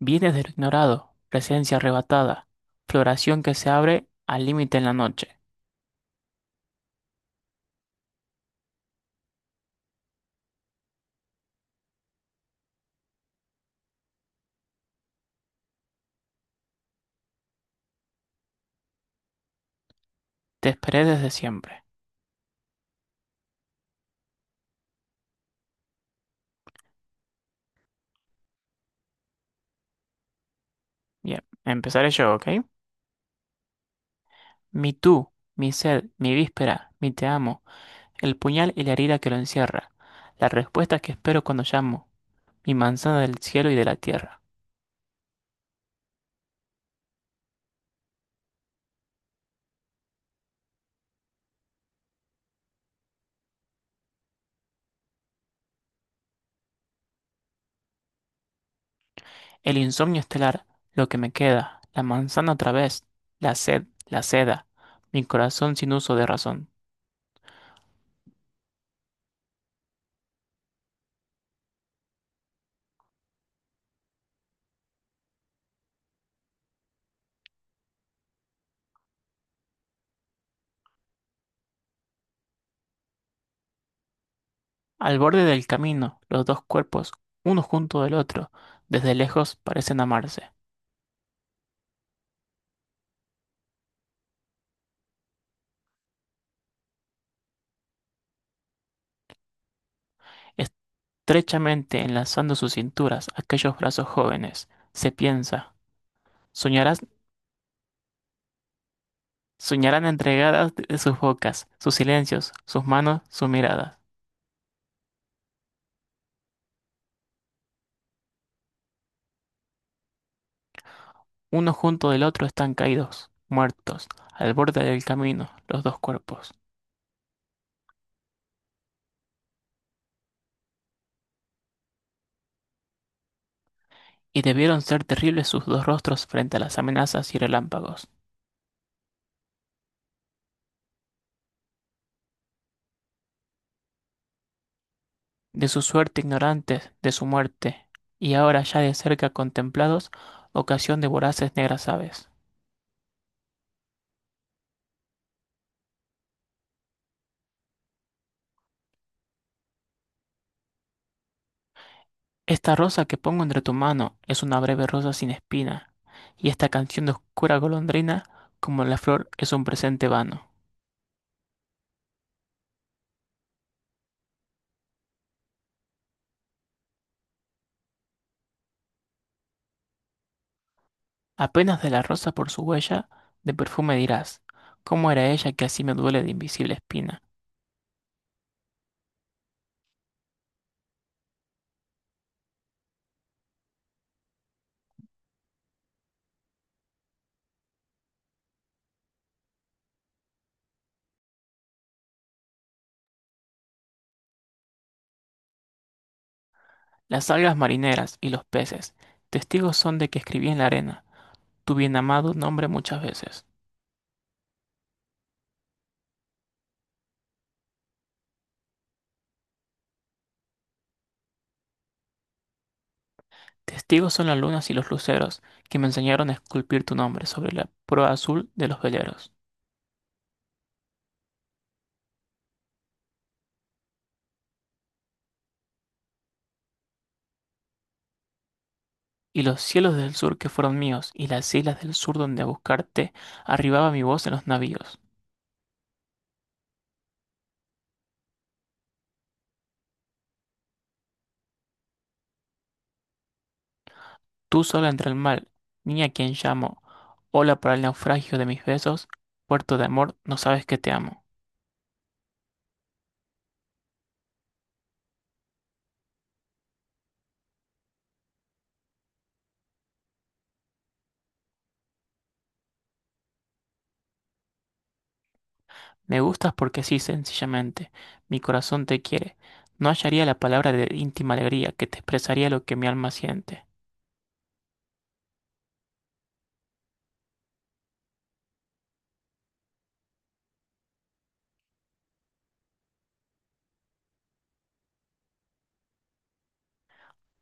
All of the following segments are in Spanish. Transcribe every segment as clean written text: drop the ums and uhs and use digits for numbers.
Vienes de lo ignorado, presencia arrebatada, floración que se abre al límite en la noche. Te esperé desde siempre. Bien, empezaré yo, ¿ok? Mi tú, mi sed, mi víspera, mi te amo, el puñal y la herida que lo encierra, la respuesta que espero cuando llamo, mi manzana del cielo y de la tierra, el insomnio estelar, lo que me queda, la manzana otra vez, la sed, la seda, mi corazón sin uso de razón. Al borde del camino, los dos cuerpos, uno junto del otro, desde lejos parecen amarse. Estrechamente enlazando sus cinturas, aquellos brazos jóvenes, se piensa, soñarás, soñarán entregadas de sus bocas, sus silencios, sus manos, sus miradas. Uno junto del otro están caídos, muertos, al borde del camino, los dos cuerpos. Y debieron ser terribles sus dos rostros frente a las amenazas y relámpagos. De su suerte ignorantes, de su muerte, y ahora ya de cerca contemplados, ocasión de voraces negras aves. Esta rosa que pongo entre tu mano es una breve rosa sin espina, y esta canción de oscura golondrina, como la flor, es un presente vano. Apenas de la rosa por su huella, de perfume dirás, ¿cómo era ella que así me duele de invisible espina? Las algas marineras y los peces, testigos son de que escribí en la arena, tu bien amado nombre muchas veces. Testigos son las lunas y los luceros que me enseñaron a esculpir tu nombre sobre la proa azul de los veleros. Y los cielos del sur que fueron míos, y las islas del sur donde a buscarte arribaba mi voz en los navíos. Tú sola entre el mal, niña a quien llamo, ola para el naufragio de mis besos, puerto de amor, no sabes que te amo. Me gustas porque sí, sencillamente, mi corazón te quiere. No hallaría la palabra de íntima alegría que te expresaría lo que mi alma siente.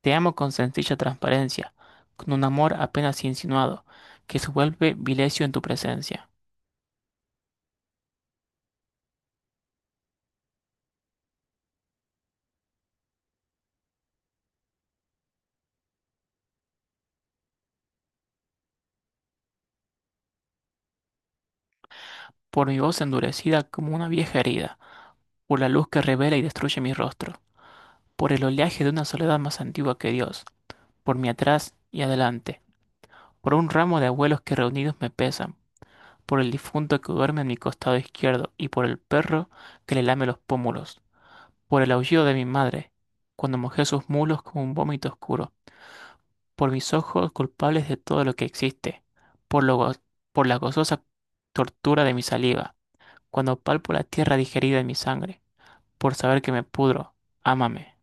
Te amo con sencilla transparencia, con un amor apenas insinuado, que se vuelve vilecio en tu presencia, por mi voz endurecida como una vieja herida, por la luz que revela y destruye mi rostro, por el oleaje de una soledad más antigua que Dios, por mi atrás y adelante, por un ramo de abuelos que reunidos me pesan, por el difunto que duerme en mi costado izquierdo y por el perro que le lame los pómulos. Por el aullido de mi madre, cuando mojé sus mulos como un vómito oscuro, por mis ojos culpables de todo lo que existe, por lo go- por la gozosa tortura de mi saliva, cuando palpo la tierra digerida en mi sangre, por saber que me pudro, ámame.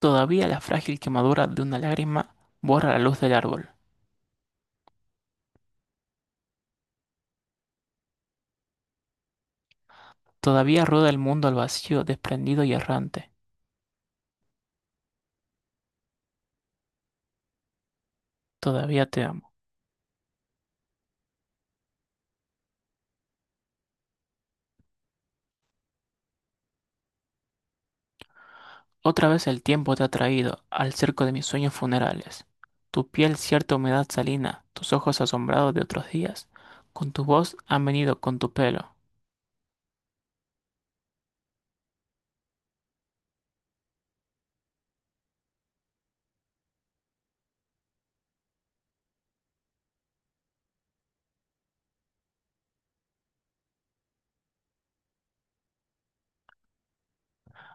Todavía la frágil quemadura de una lágrima borra la luz del árbol. Todavía rueda el mundo al vacío, desprendido y errante. Todavía te amo. Otra vez el tiempo te ha traído al cerco de mis sueños funerales. Tu piel cierta humedad salina, tus ojos asombrados de otros días, con tu voz han venido con tu pelo.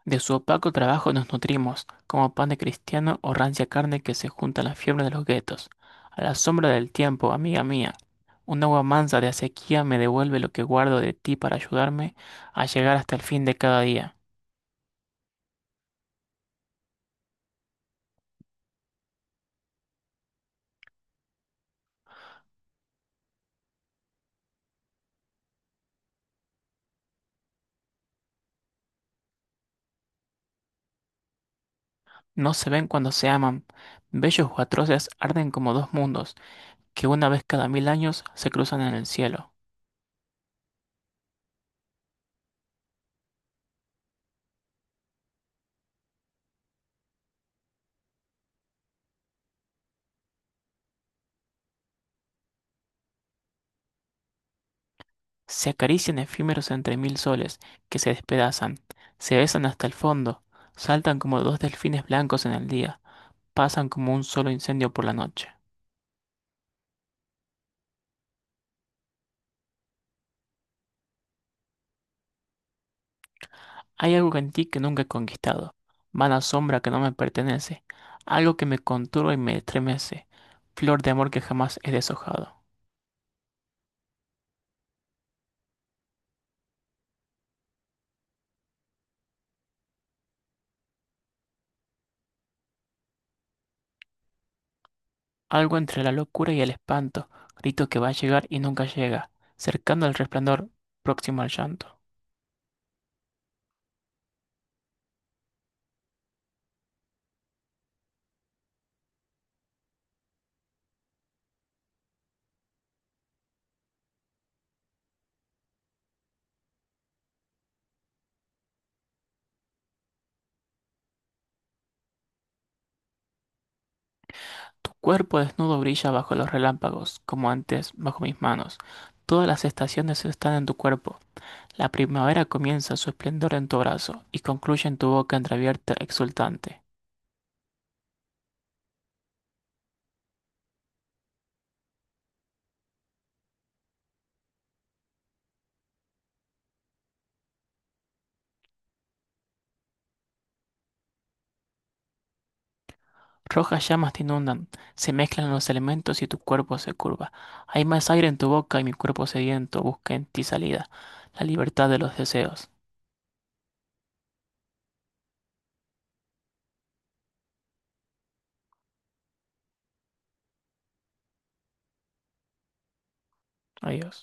De su opaco trabajo nos nutrimos, como pan de cristiano o rancia carne que se junta a la fiebre de los guetos. A la sombra del tiempo, amiga mía, un agua mansa de acequia me devuelve lo que guardo de ti para ayudarme a llegar hasta el fin de cada día. No se ven cuando se aman, bellos o atroces arden como dos mundos que una vez cada mil años se cruzan en el cielo, se acarician efímeros entre mil soles que se despedazan, se besan hasta el fondo, saltan como dos delfines blancos en el día, pasan como un solo incendio por la noche. Hay algo en ti que nunca he conquistado, vana sombra que no me pertenece, algo que me conturba y me estremece, flor de amor que jamás he deshojado. Algo entre la locura y el espanto, grito que va a llegar y nunca llega, cercano al resplandor, próximo al llanto. Tu cuerpo desnudo brilla bajo los relámpagos, como antes bajo mis manos. Todas las estaciones están en tu cuerpo. La primavera comienza su esplendor en tu brazo y concluye en tu boca entreabierta exultante. Rojas llamas te inundan, se mezclan los elementos y tu cuerpo se curva. Hay más aire en tu boca y mi cuerpo sediento busca en ti salida, la libertad de los deseos. Adiós.